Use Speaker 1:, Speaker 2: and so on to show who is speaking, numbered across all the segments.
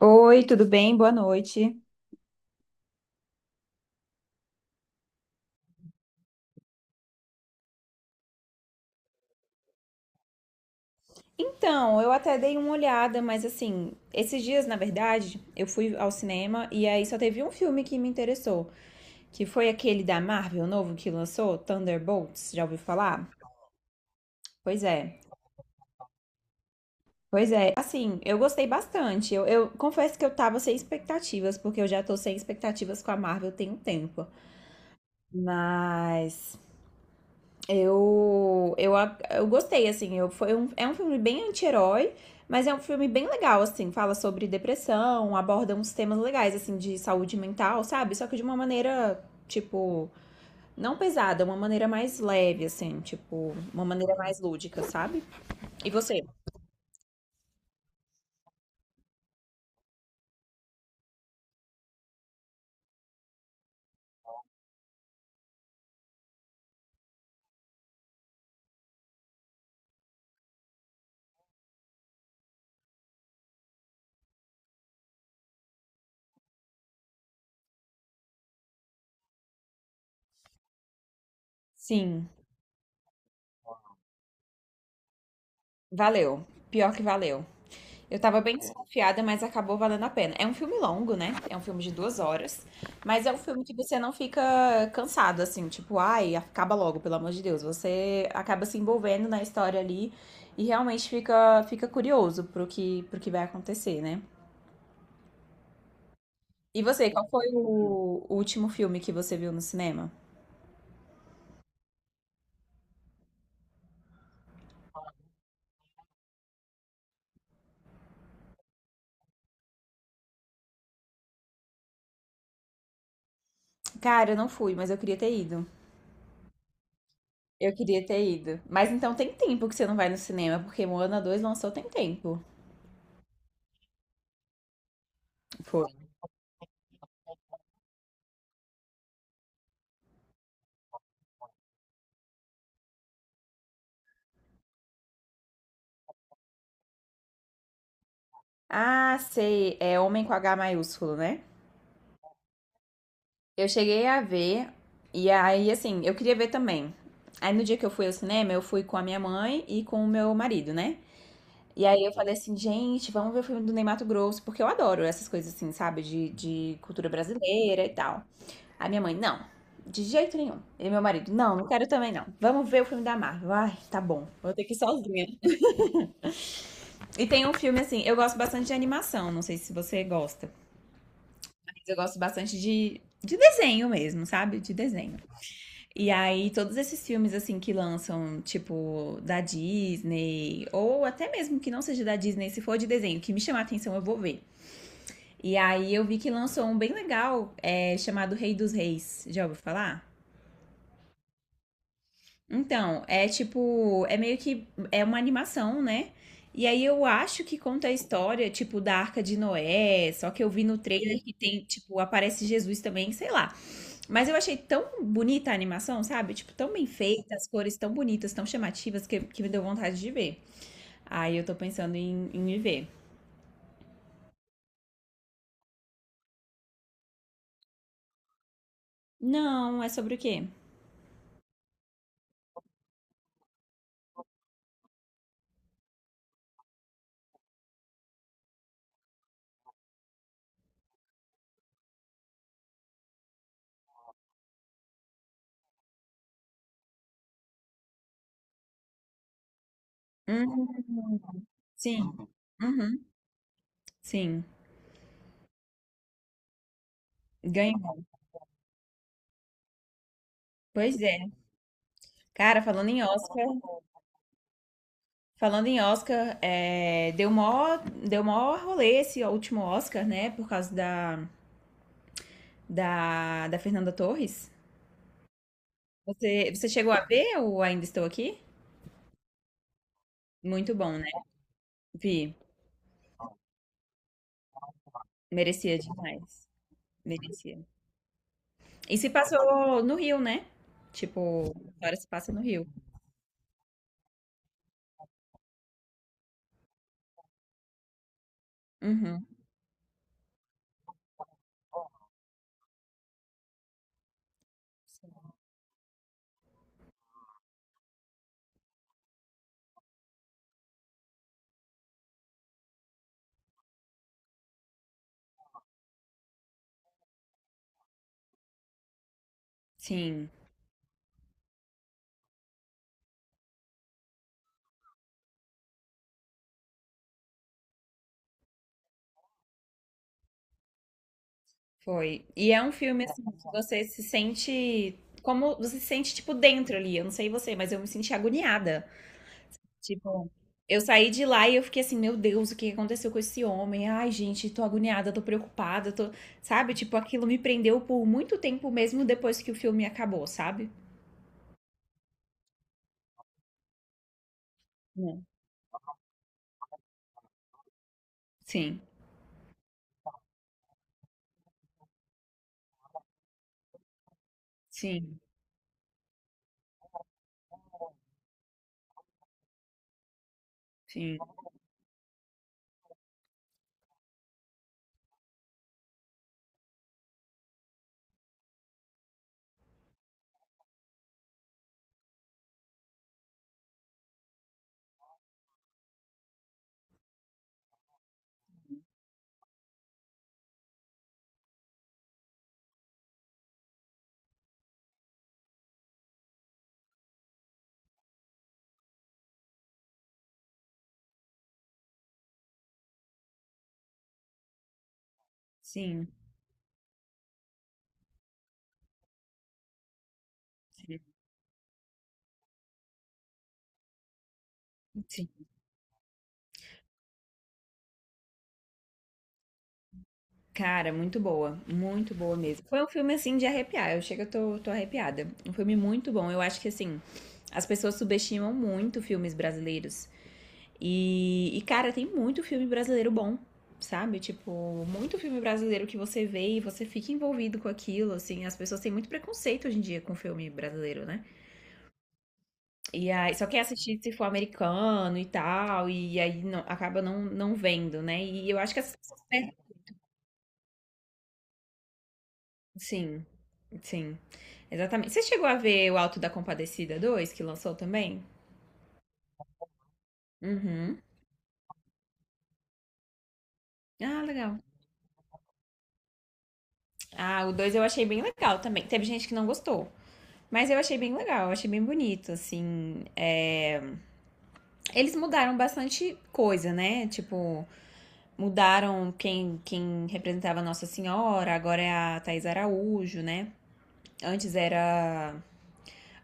Speaker 1: Oi, tudo bem? Boa noite. Então, eu até dei uma olhada, mas assim, esses dias, na verdade, eu fui ao cinema e aí só teve um filme que me interessou, que foi aquele da Marvel novo que lançou, Thunderbolts, já ouviu falar? Pois é. Pois é, assim, eu gostei bastante. Eu confesso que eu tava sem expectativas, porque eu já tô sem expectativas com a Marvel tem um tempo. Mas Eu, eu, eu gostei, assim. É um filme bem anti-herói, mas é um filme bem legal, assim. Fala sobre depressão, aborda uns temas legais, assim, de saúde mental, sabe? Só que de uma maneira, tipo, não pesada, uma maneira mais leve, assim, tipo, uma maneira mais lúdica, sabe? E você? Sim, valeu. Pior que valeu. Eu tava bem desconfiada, mas acabou valendo a pena. É um filme longo, né? É um filme de 2 horas. Mas é um filme que você não fica cansado, assim, tipo, ai, acaba logo, pelo amor de Deus. Você acaba se envolvendo na história ali e realmente fica curioso pro que vai acontecer, né? E você, qual foi o último filme que você viu no cinema? Cara, eu não fui, mas eu queria ter ido. Eu queria ter ido. Mas então tem tempo que você não vai no cinema, porque Moana 2 lançou tem tempo. Foi. Ah, sei. É Homem com H maiúsculo, né? Eu cheguei a ver, e aí, assim, eu queria ver também. Aí no dia que eu fui ao cinema, eu fui com a minha mãe e com o meu marido, né? E aí eu falei assim, gente, vamos ver o filme do Ney Matogrosso, porque eu adoro essas coisas assim, sabe? De cultura brasileira e tal. A minha mãe, não, de jeito nenhum. E meu marido, não, não quero também não. Vamos ver o filme da Marvel. Ai, tá bom, vou ter que ir sozinha. E tem um filme assim, eu gosto bastante de animação, não sei se você gosta. Eu gosto bastante de desenho mesmo, sabe? De desenho. E aí, todos esses filmes, assim, que lançam, tipo, da Disney, ou até mesmo que não seja da Disney, se for de desenho, que me chamar a atenção, eu vou ver. E aí, eu vi que lançou um bem legal, chamado Rei dos Reis. Já ouviu falar? Então, é tipo, é meio que, é uma animação, né? E aí eu acho que conta a história, tipo, da Arca de Noé, só que eu vi no trailer que tem, tipo, aparece Jesus também, sei lá. Mas eu achei tão bonita a animação, sabe? Tipo, tão bem feita, as cores tão bonitas, tão chamativas, que me deu vontade de ver. Aí eu tô pensando em ir ver. Não, é sobre o quê? Uhum, sim. Uhum, sim. Ganhou. Pois é. Cara, falando em Oscar, falando em Oscar, é, deu mó, deu mó rolê esse último Oscar, né? Por causa da Fernanda Torres. Você chegou a ver ou ainda estou aqui? Muito bom, né? Vi. Merecia demais. Merecia. E se passou no Rio, né? Tipo, agora se passa no Rio. Uhum. Sim, foi. E é um filme assim que você se sente como você se sente tipo dentro ali. Eu não sei você, mas eu me senti agoniada. Tipo, eu saí de lá e eu fiquei assim, meu Deus, o que aconteceu com esse homem? Ai, gente, tô agoniada, tô preocupada, tô, sabe? Tipo, aquilo me prendeu por muito tempo mesmo depois que o filme acabou, sabe? Né? Sim, sim, sim, sim, sim, sim. Cara, muito boa mesmo. Foi um filme assim de arrepiar. Eu tô arrepiada. Um filme muito bom. Eu acho que assim, as pessoas subestimam muito filmes brasileiros. E cara, tem muito filme brasileiro bom, sabe? Tipo, muito filme brasileiro que você vê e você fica envolvido com aquilo, assim. As pessoas têm muito preconceito hoje em dia com filme brasileiro, né? E aí, só quer assistir se for americano e tal, e aí não, acaba não, não vendo, né? E eu acho que essas pessoas. Sim, sim. Exatamente. Você chegou a ver o Alto da Compadecida 2 que lançou também? Uhum. Ah, legal. Ah, o 2 eu achei bem legal também. Teve gente que não gostou. Mas eu achei bem legal, eu achei bem bonito, assim. Eles mudaram bastante coisa, né? Tipo, mudaram quem representava Nossa Senhora, agora é a Thais Araújo, né? Antes era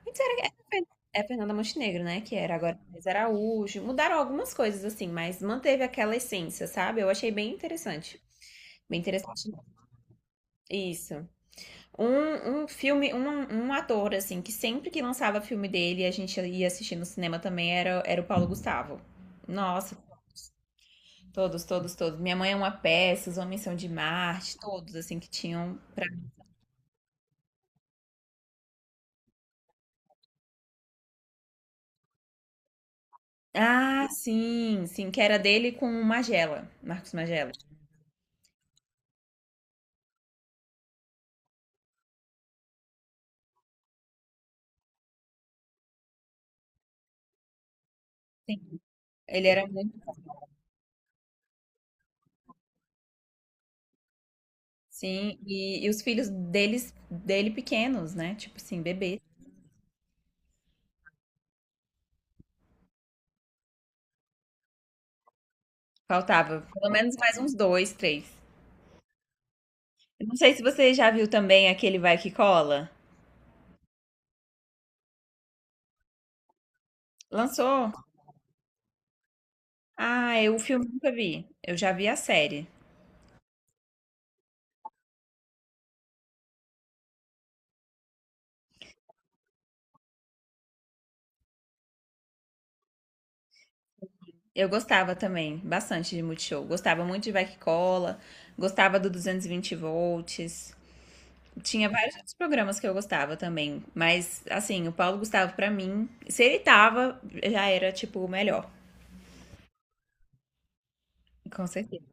Speaker 1: Antes era Fernanda Montenegro, né? Que era agora Thais Araújo. Mudaram algumas coisas, assim, mas manteve aquela essência, sabe? Eu achei bem interessante. Bem interessante. Isso. Um filme, um ator, assim, que sempre que lançava filme dele, a gente ia assistir no cinema também, era o Paulo Gustavo. Nossa, todos, todos, todos. Minha Mãe é uma Peça, Os Homens São de Marte, todos, assim, que tinham pra. Ah, sim, sim, que era dele com o Magela, Marcos Magela. Sim. Ele era muito. Sim, e os filhos dele pequenos, né, tipo assim, bebê. Faltava pelo menos mais uns 2 três. Eu não sei se você já viu também aquele Vai Que Cola. Lançou? Ah, eu o filme nunca vi. Eu já vi a série. Eu gostava também bastante de Multishow. Gostava muito de Vai Que Cola, gostava do 220 volts. Tinha vários outros programas que eu gostava também, mas assim, o Paulo Gustavo pra mim, se ele tava, já era tipo o melhor, com certeza.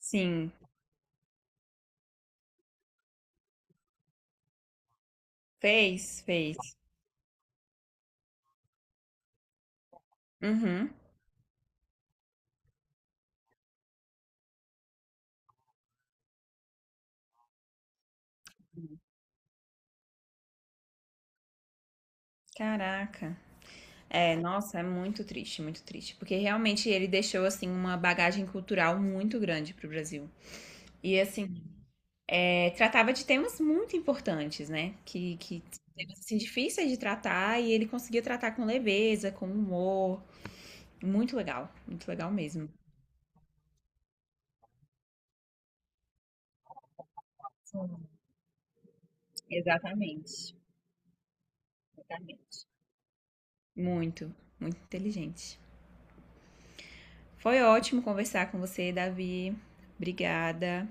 Speaker 1: Sim, fez, fez. Uhum. Caraca. É, nossa, é muito triste, porque realmente ele deixou assim uma bagagem cultural muito grande para o Brasil. E assim, tratava de temas muito importantes, né? Que temas assim, difíceis de tratar e ele conseguia tratar com leveza, com humor. Muito legal mesmo. Sim. Exatamente, exatamente. Muito, muito inteligente. Foi ótimo conversar com você, Davi. Obrigada.